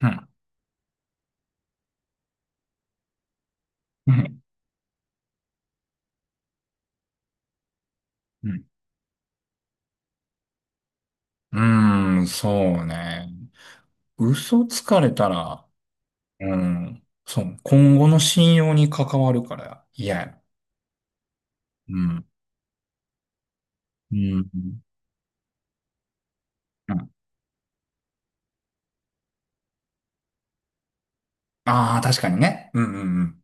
うん。うん。うんうーん、そうね。嘘つかれたら、うん。そう。今後の信用に関わるから嫌や。うん。うん。ああー、確かにね。うんうんう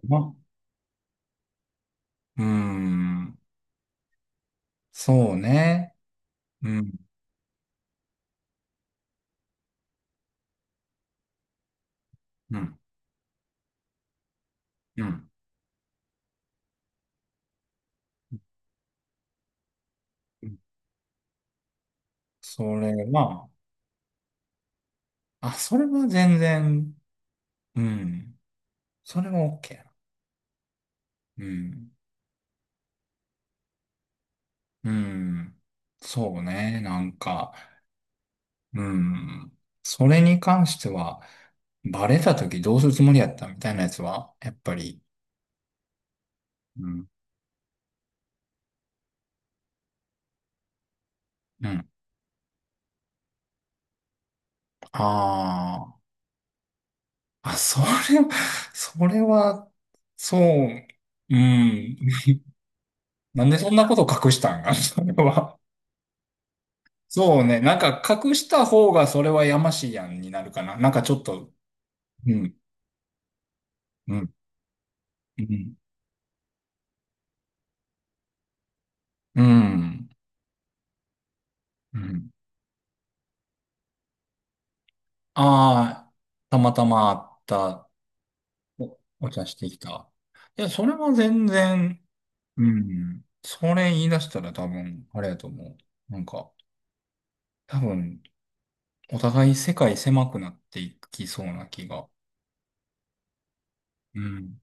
ん。うん。そうね。うん。うん。うん。それは、あ、それは全然、うん。それは OK やな。うん。うん。そうね。なんか、うん。それに関しては、バレた時どうするつもりやったみたいなやつは、やっぱり、うん。うん。ああ、それ、それは、そう、うん。なんでそんなこと隠したんか、それは。そうね。なんか隠した方がそれはやましいやんになるかな。なんかちょっと、うん、うん、うん、うん。うん。ああ、たまたまあった。お茶してきた。いや、それは全然、うん。それ言い出したら多分、あれやと思う。なんか、多分、お互い世界狭くなっていきそうな気が。うん。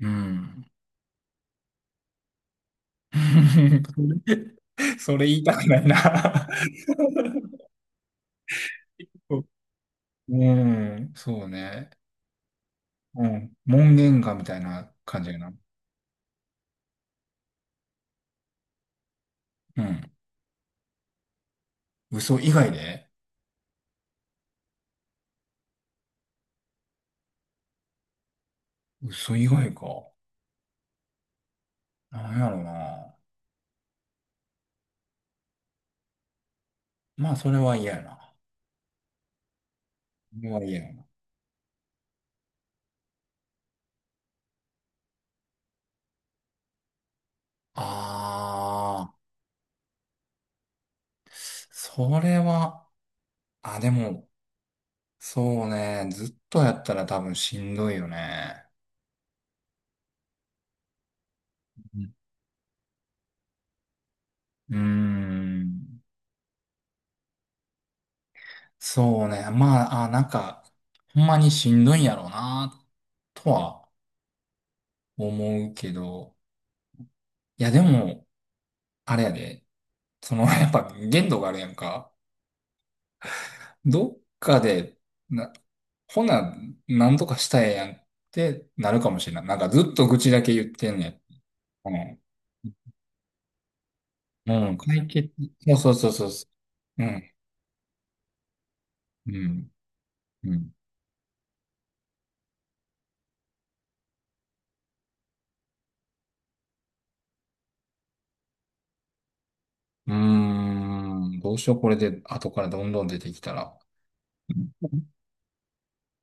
うん。それ、それ言いたくないな。うん、そうね。うん。門限かみたいな感じやな。うん。嘘以外で、嘘以外か。なんやろな。まあ、それは嫌やな。それは嫌や。ああ、それは、あ、でも、そうね、ずっとやったら多分しんどいよね。うん。うーん、そうね、まあ、あ、なんか、ほんまにしんどいんやろうな、とは思うけど、いや、でも、あれやで、その、やっぱ限度があるやんか。どっかで、な、ほな、なんとかしたいやんってなるかもしれない。なんかずっと愚痴だけ言ってんねん。うん。うん、解決、そうそうそうそう。うん、うん、うん。うーん、どうしよう、これで、後からどんどん出てきたら。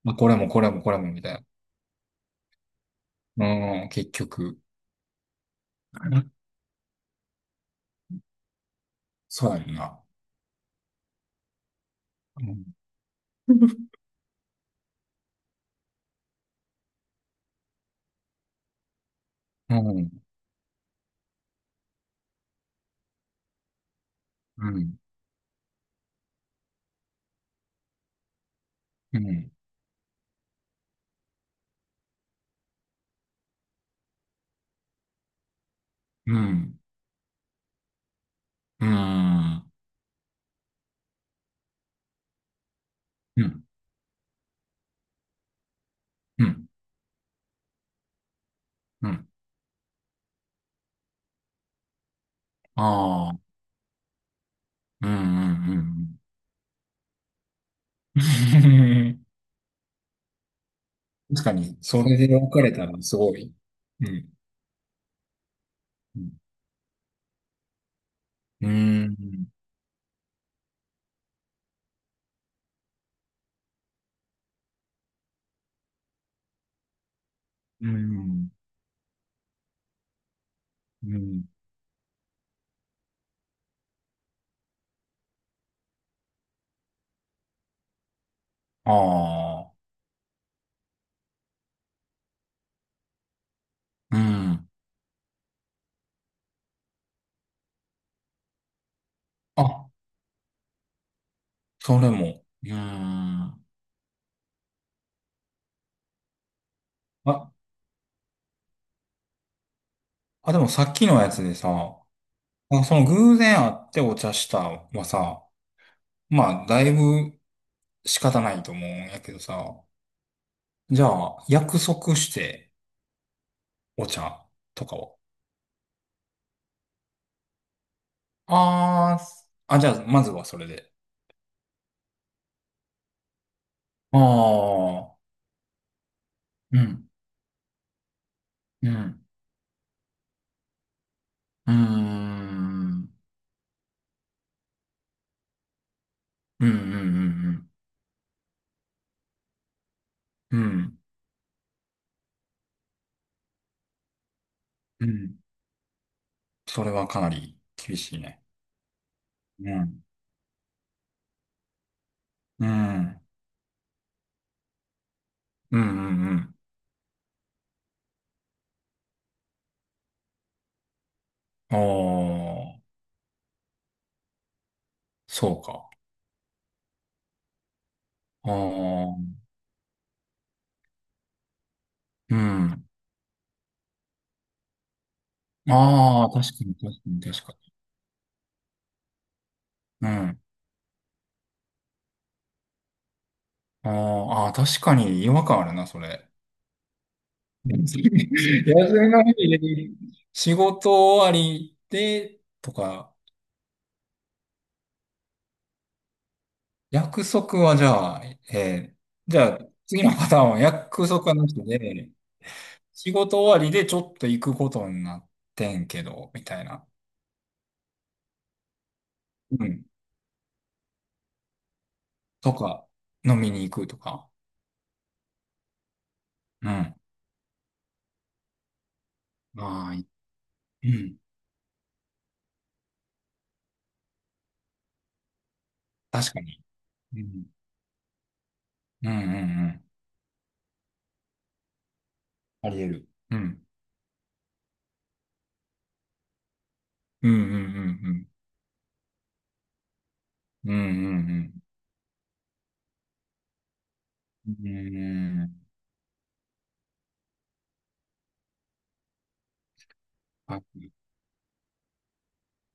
まあ、これもこれもこれもみたいな。うん、結局。うん。そうやんな。うん、うん、うん、うん、うん、うん、うん、うん、うん。ああ、うん、うん、うん。確かに、それで分かれたらすごい。うん、うん、うん、うん、うん。ああ。うん。あ、それも。うん。あ、でもさっきのやつでさ、あ、その偶然会ってお茶したはさ、まあ、だいぶ仕方ないと思うんやけどさ、じゃあ、約束してお茶とかを。あーあ、じゃあ、まずはそれで。ああ、うん、うん、うーん、うん、うん、うん、うん、うん、うん。それはかなり厳しいね。うん、うん、うん、うん、うん。ああ、そうか。ああ、うん。ああ、確かに、確かに、確かに。うん。ああ、確かに違和感あるな、それ。うん、休みの日に仕事終わりで、とか、約束はじゃあ、えーじゃあ、次のパターンは約束はなしで、仕事終わりでちょっと行くことになってんけど、みたいな。うん。とか、飲みに行くとか。うん。まあ、うん。確かに。うん。うんうんうん。あり得る。うん。うんうんうんうん。うんうんうん。うん。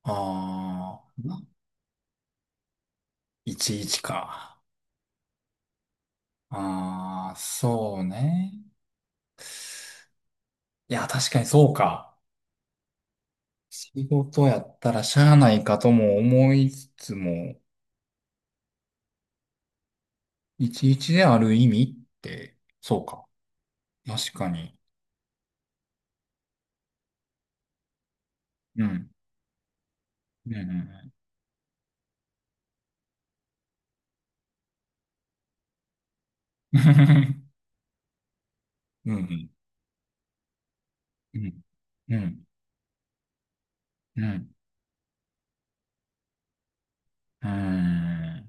ああー、1か。ああ、そうね。いや、確かにそうか。仕事やったらしゃあないかとも思いつつも、いちいちである意味って、そうか。確かに。うん。うんうんうん。うんうん。うんうん。うん。うーん。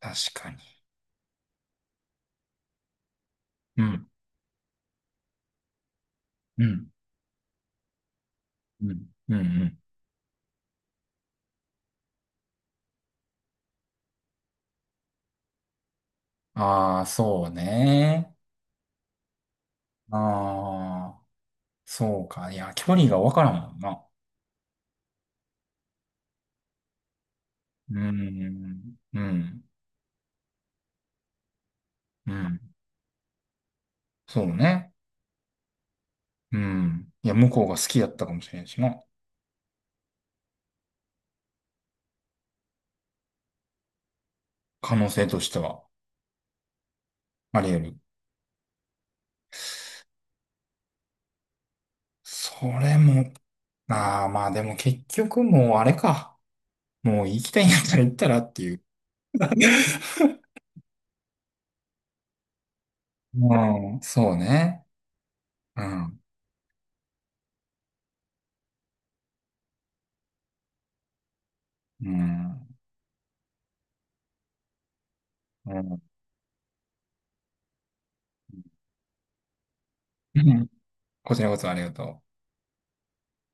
確かに。うん。うん。うん。うん。ああー、そうね。ああ、そうか。いや、距離がわからんもんな。うん。うん。うん。そうね。うん。いや、向こうが好きやったかもしれんしな。可能性としては、あり得る。それも、ああ、まあでも結局もうあれか。もう行きたいんやったら行ったらっていう。うん。そうね。うん。うん。うん。こちらこそありがとう。